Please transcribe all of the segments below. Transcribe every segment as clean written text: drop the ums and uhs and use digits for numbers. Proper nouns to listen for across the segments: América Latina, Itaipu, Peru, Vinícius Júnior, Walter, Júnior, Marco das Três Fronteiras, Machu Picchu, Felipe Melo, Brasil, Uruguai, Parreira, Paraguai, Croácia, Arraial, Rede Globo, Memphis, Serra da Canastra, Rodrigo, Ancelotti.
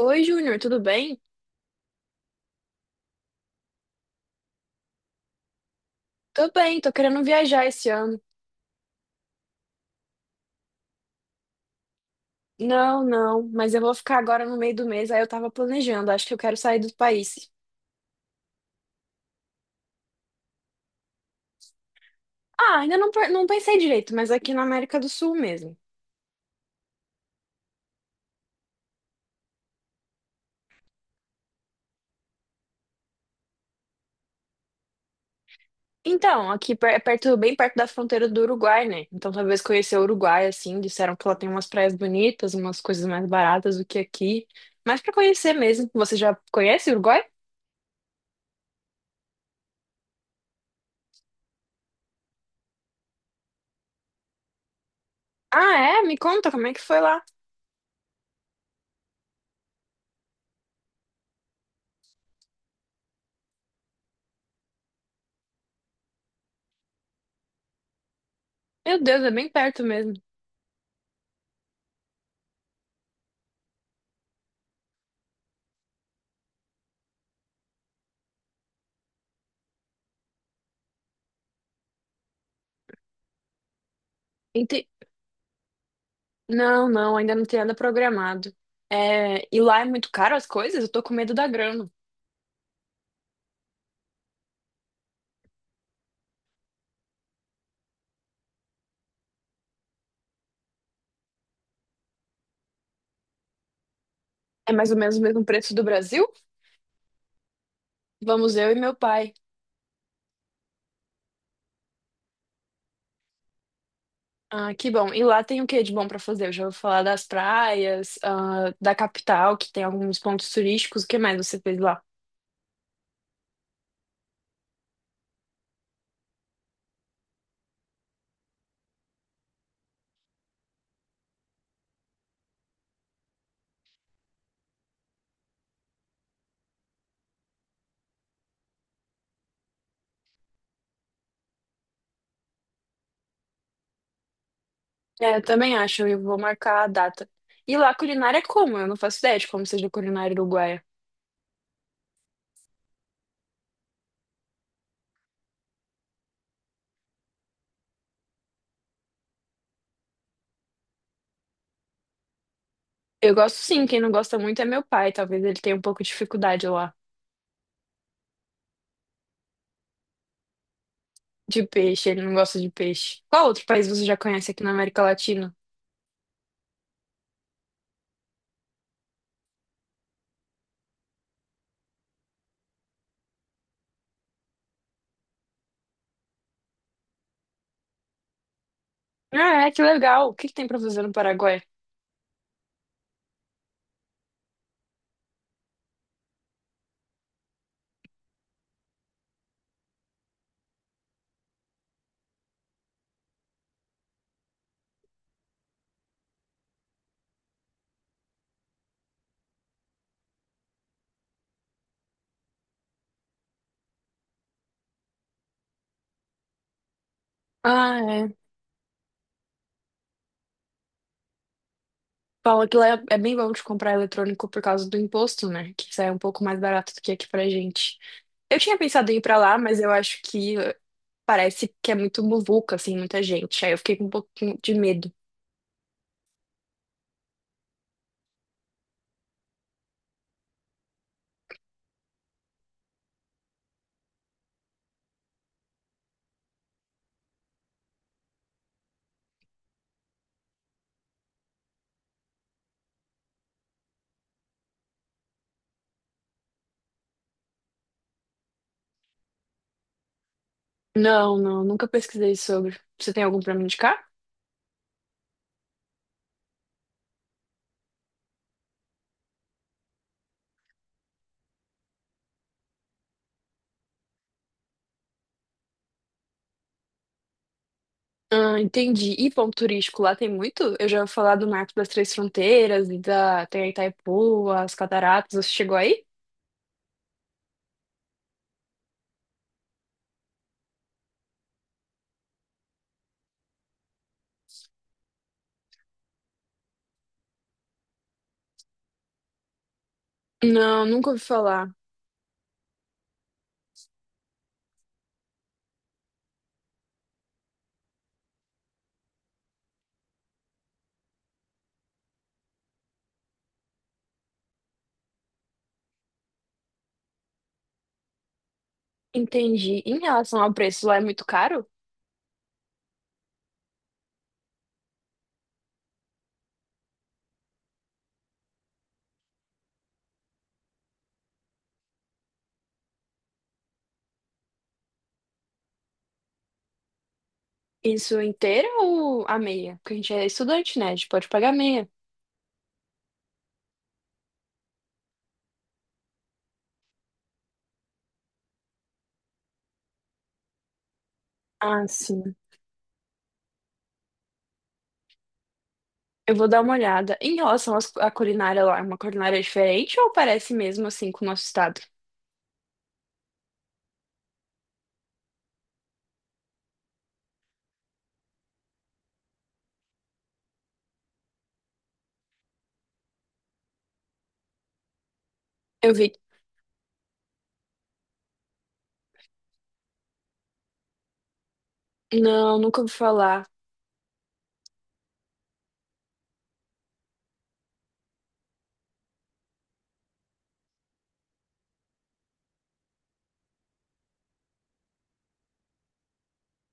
Oi, Júnior, tudo bem? Tô bem, tô querendo viajar esse ano. Não, não, mas eu vou ficar agora no meio do mês, aí eu tava planejando, acho que eu quero sair do país. Ah, ainda não, não pensei direito, mas aqui na América do Sul mesmo. Então, aqui é perto, bem perto da fronteira do Uruguai, né? Então talvez conhecer o Uruguai, assim, disseram que lá tem umas praias bonitas, umas coisas mais baratas do que aqui. Mas pra conhecer mesmo, você já conhece o Uruguai? Ah, é? Me conta como é que foi lá. Meu Deus, é bem perto mesmo. Não, não, ainda não tem nada programado. É, e lá é muito caro as coisas? Eu tô com medo da grana. É mais ou menos o mesmo preço do Brasil? Vamos eu e meu pai. Ah, que bom. E lá tem o que de bom pra fazer? Eu já ouvi falar das praias, ah, da capital, que tem alguns pontos turísticos. O que mais você fez lá? É, eu também acho, eu vou marcar a data. E lá a culinária é como? Eu não faço ideia de como seja a culinária uruguaia. Eu gosto sim, quem não gosta muito é meu pai. Talvez ele tenha um pouco de dificuldade lá de peixe, ele não gosta de peixe. Qual outro país você já conhece aqui na América Latina? Ah, é, que legal. O que que tem pra fazer no Paraguai? Ah, é. Fala que lá é bem bom de comprar eletrônico por causa do imposto, né? Que sai um pouco mais barato do que aqui pra gente. Eu tinha pensado em ir pra lá, mas eu acho que parece que é muito muvuca, assim, muita gente. Aí eu fiquei com um pouquinho de medo. Não, não, nunca pesquisei sobre. Você tem algum pra me indicar? Ah, entendi. E ponto turístico lá tem muito? Eu já ouvi falar do Marco das Três Fronteiras e da tem a Itaipu, as cataratas. Você chegou aí? Não, nunca ouvi falar. Entendi. Em relação ao preço, lá é muito caro? Isso inteira ou a meia? Porque a gente é estudante, né? A gente pode pagar meia. Ah, sim. Eu vou dar uma olhada. Em relação à culinária lá, é uma culinária diferente ou parece mesmo assim com o nosso estado? Eu vi. Não, nunca ouvi falar.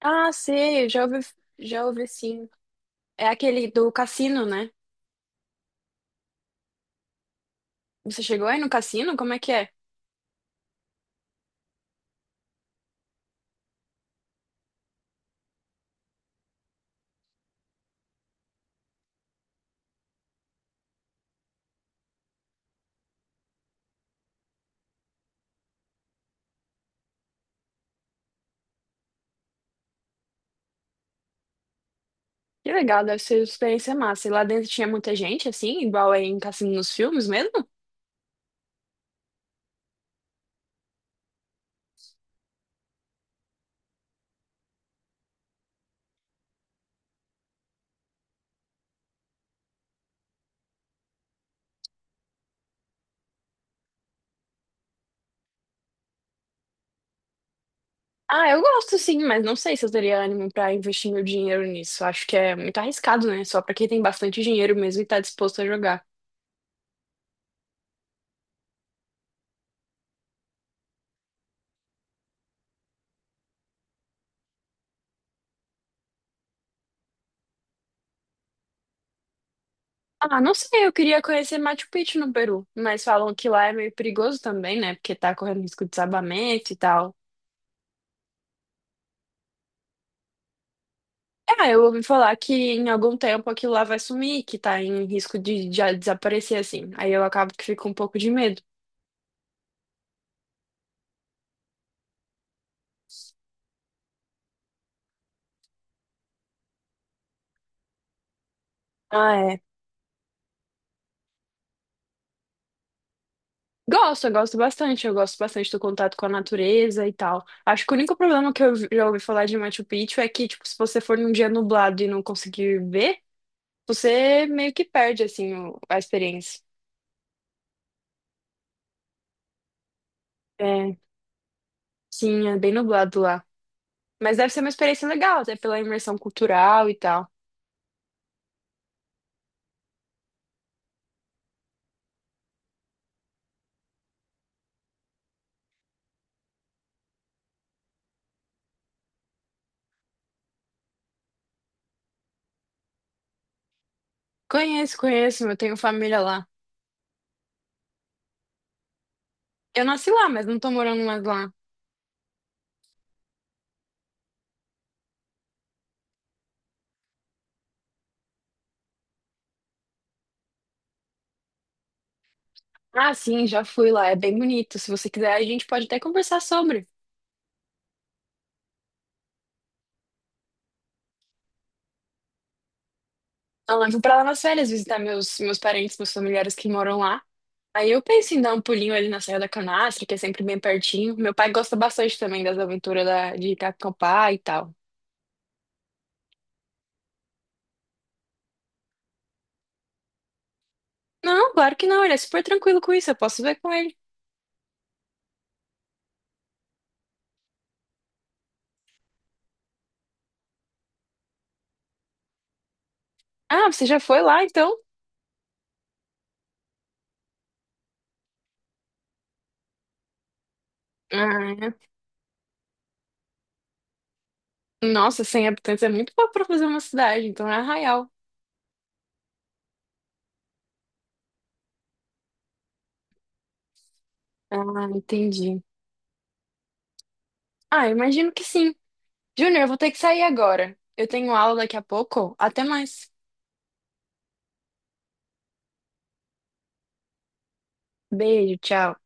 Ah, sei, eu já ouvi sim. É aquele do cassino, né? Você chegou aí no cassino? Como é? Que legal, deve ser uma experiência massa. E lá dentro tinha muita gente, assim, igual aí em cassino nos filmes mesmo? Ah, eu gosto sim, mas não sei se eu teria ânimo pra investir meu dinheiro nisso. Acho que é muito arriscado, né? Só pra quem tem bastante dinheiro mesmo e tá disposto a jogar. Ah, não sei, eu queria conhecer Machu Picchu no Peru, mas falam que lá é meio perigoso também, né? Porque tá correndo risco de desabamento e tal. Ah, eu ouvi falar que em algum tempo aquilo lá vai sumir, que tá em risco de já desaparecer assim. Aí eu acabo que fico com um pouco de medo. Ah, é. Gosto, eu gosto bastante. Eu gosto bastante do contato com a natureza e tal. Acho que o único problema que eu já ouvi falar de Machu Picchu é que, tipo, se você for num dia nublado e não conseguir ver, você meio que perde, assim, a experiência. É, sim, é bem nublado lá. Mas deve ser uma experiência legal, até pela imersão cultural e tal. Conheço, conheço, eu tenho família lá. Eu nasci lá, mas não tô morando mais lá. Ah, sim, já fui lá, é bem bonito. Se você quiser, a gente pode até conversar sobre. Então, eu levo pra lá nas férias visitar meus parentes, meus familiares que moram lá. Aí eu penso em dar um pulinho ali na Serra da Canastra, que é sempre bem pertinho. Meu pai gosta bastante também das aventuras de acampar e tal. Não, claro que não, ele é super tranquilo com isso, eu posso ver com ele. Ah, você já foi lá então? Ah, é. Nossa, 100 habitantes é muito pouco pra fazer uma cidade, então é Arraial. Ah, entendi. Ah, imagino que sim. Júnior, eu vou ter que sair agora. Eu tenho aula daqui a pouco. Até mais. Beijo, tchau.